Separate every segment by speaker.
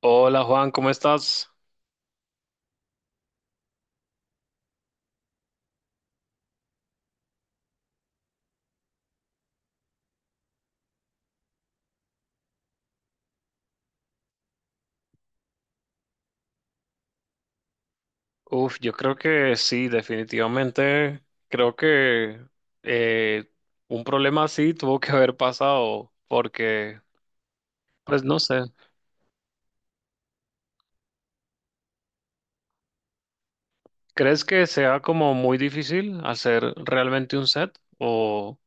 Speaker 1: Hola Juan, ¿cómo estás? Uf, yo creo que sí, definitivamente. Creo que eh, un problema así tuvo que haber pasado porque, pues no sé, ¿crees que sea como muy difícil hacer realmente un set? O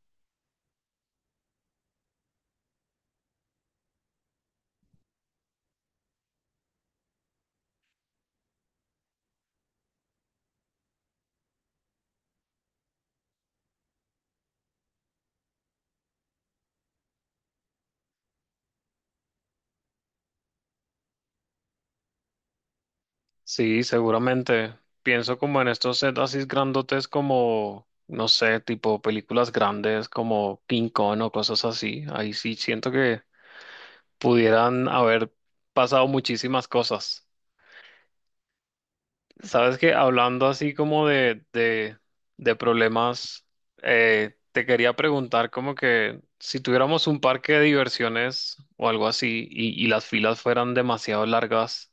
Speaker 1: sí, seguramente. Pienso como en estos sets así grandotes como, no sé, tipo películas grandes como King Kong o cosas así. Ahí sí siento que pudieran haber pasado muchísimas cosas. Sabes que hablando así como de problemas, te quería preguntar como que si tuviéramos un parque de diversiones o algo así y las filas fueran demasiado largas,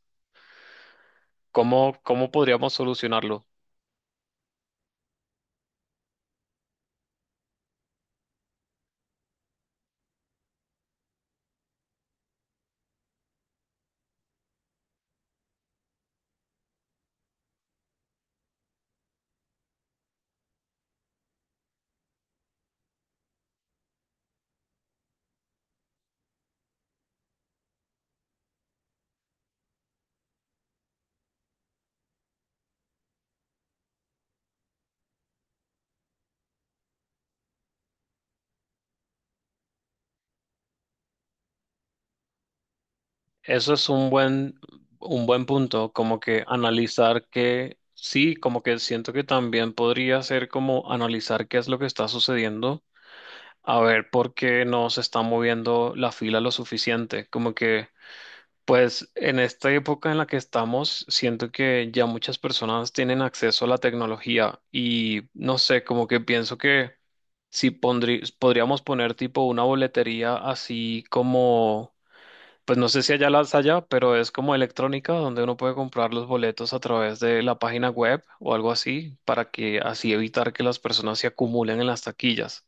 Speaker 1: ¿cómo, cómo podríamos solucionarlo? Eso es un buen punto, como que analizar que sí, como que siento que también podría ser como analizar qué es lo que está sucediendo, a ver por qué no se está moviendo la fila lo suficiente, como que... Pues en esta época en la que estamos, siento que ya muchas personas tienen acceso a la tecnología y no sé, como que pienso que si podríamos poner tipo una boletería así como, pues no sé si allá las allá, pero es como electrónica donde uno puede comprar los boletos a través de la página web o algo así para que así evitar que las personas se acumulen en las taquillas.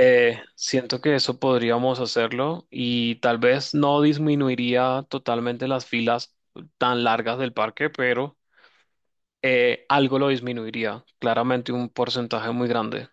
Speaker 1: Siento que eso podríamos hacerlo y tal vez no disminuiría totalmente las filas tan largas del parque, pero algo lo disminuiría, claramente un porcentaje muy grande.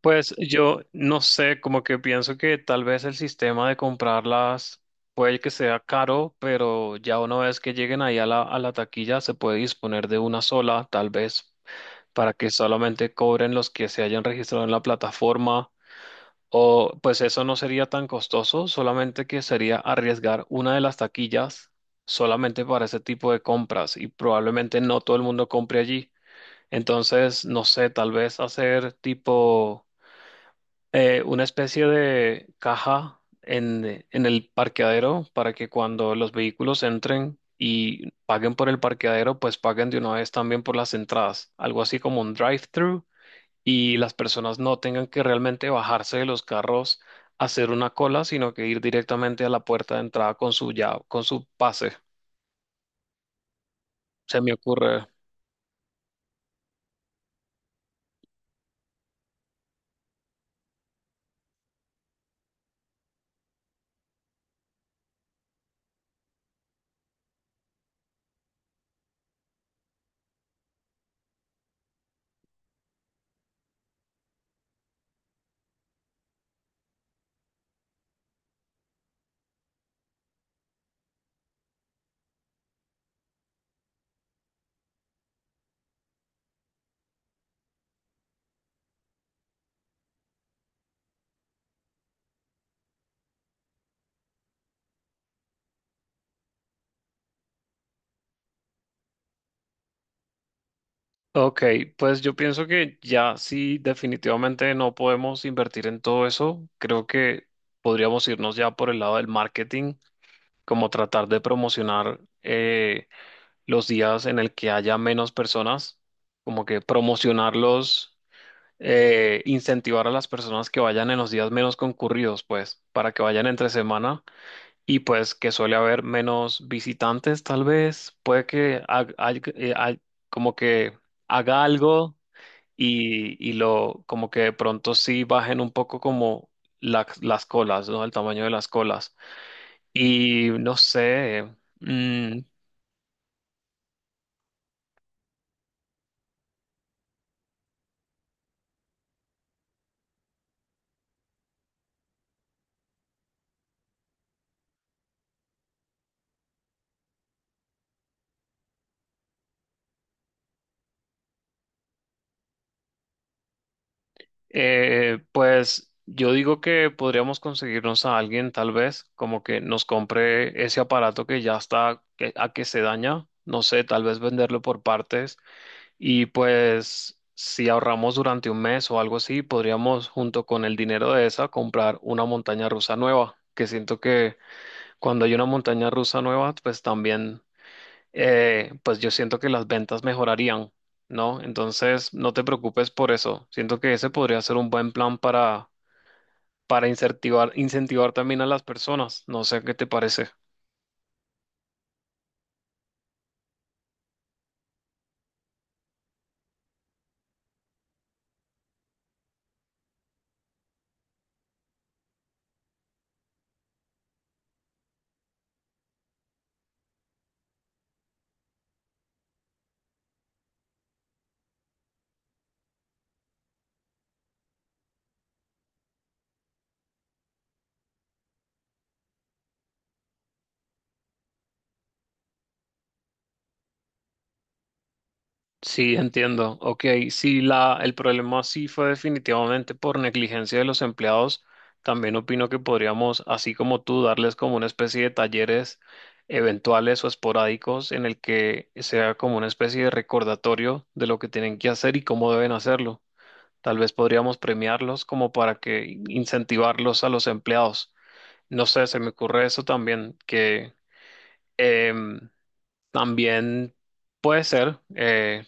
Speaker 1: Pues yo no sé, como que pienso que tal vez el sistema de comprarlas puede que sea caro, pero ya una vez que lleguen ahí a la taquilla se puede disponer de una sola, tal vez, para que solamente cobren los que se hayan registrado en la plataforma. O pues eso no sería tan costoso, solamente que sería arriesgar una de las taquillas solamente para ese tipo de compras y probablemente no todo el mundo compre allí. Entonces, no sé, tal vez hacer tipo una especie de caja en el parqueadero para que cuando los vehículos entren y paguen por el parqueadero, pues paguen de una vez también por las entradas. Algo así como un drive-thru y las personas no tengan que realmente bajarse de los carros, hacer una cola, sino que ir directamente a la puerta de entrada con su ya, con su pase. Se me ocurre. Ok, pues yo pienso que ya sí, definitivamente no podemos invertir en todo eso. Creo que podríamos irnos ya por el lado del marketing, como tratar de promocionar los días en el que haya menos personas, como que promocionarlos, incentivar a las personas que vayan en los días menos concurridos, pues, para que vayan entre semana y pues que suele haber menos visitantes, tal vez, puede que como que haga algo y lo, como que de pronto sí bajen un poco como las colas, ¿no? El tamaño de las colas. Y no sé. mm, pues yo digo que podríamos conseguirnos a alguien, tal vez, como que nos compre ese aparato que ya está a que se daña, no sé, tal vez venderlo por partes y pues si ahorramos durante un mes o algo así, podríamos junto con el dinero de esa comprar una montaña rusa nueva, que siento que cuando hay una montaña rusa nueva, pues también pues yo siento que las ventas mejorarían, ¿no? Entonces, no te preocupes por eso. Siento que ese podría ser un buen plan para incentivar, incentivar también a las personas. No sé qué te parece. Sí, entiendo. Ok, si la, el problema sí fue definitivamente por negligencia de los empleados, también opino que podríamos, así como tú, darles como una especie de talleres eventuales o esporádicos en el que sea como una especie de recordatorio de lo que tienen que hacer y cómo deben hacerlo. Tal vez podríamos premiarlos como para que incentivarlos a los empleados. No sé, se me ocurre eso también, que em, también puede ser,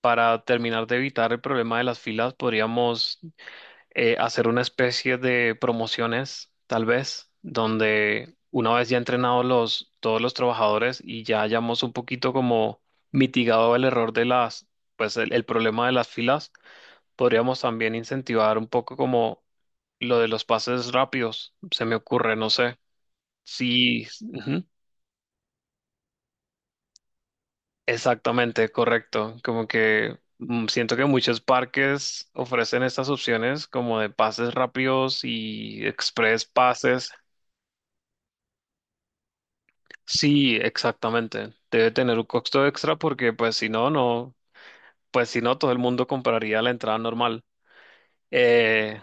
Speaker 1: para terminar de evitar el problema de las filas, podríamos hacer una especie de promociones, tal vez, donde una vez ya entrenados los, todos los trabajadores y ya hayamos un poquito como mitigado el error de las, pues el problema de las filas. Podríamos también incentivar un poco como lo de los pases rápidos, se me ocurre, no sé. Sí, ujú, exactamente, correcto. Como que mm, siento que muchos parques ofrecen estas opciones como de pases rápidos y express pases. Sí, exactamente. Debe tener un costo extra porque pues si no, no, pues si no, todo el mundo compraría la entrada normal. Eh,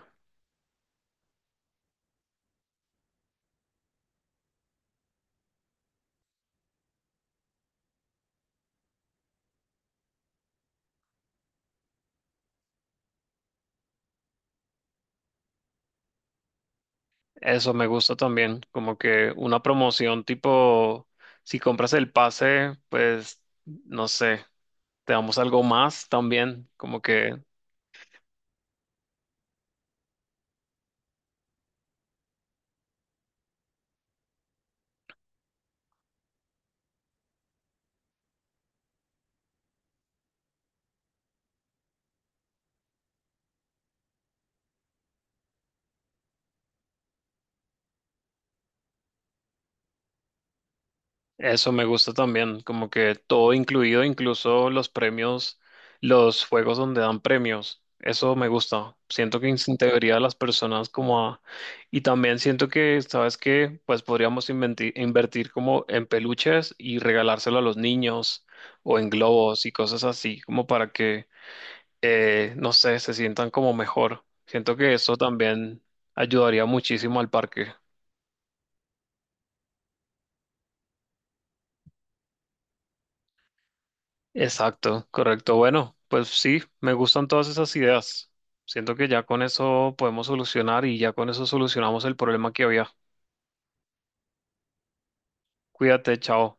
Speaker 1: Eso me gusta también, como que una promoción tipo, si compras el pase, pues, no sé, te damos algo más también, como que... Eso me gusta también, como que todo incluido, incluso los premios, los juegos donde dan premios. Eso me gusta. Siento que integraría a las personas como a... Y también siento que, ¿sabes qué? Pues podríamos invertir como en peluches y regalárselo a los niños o en globos y cosas así, como para que, no sé, se sientan como mejor. Siento que eso también ayudaría muchísimo al parque. Exacto, correcto. Bueno, pues sí, me gustan todas esas ideas. Siento que ya con eso podemos solucionar y ya con eso solucionamos el problema que había. Cuídate, chao.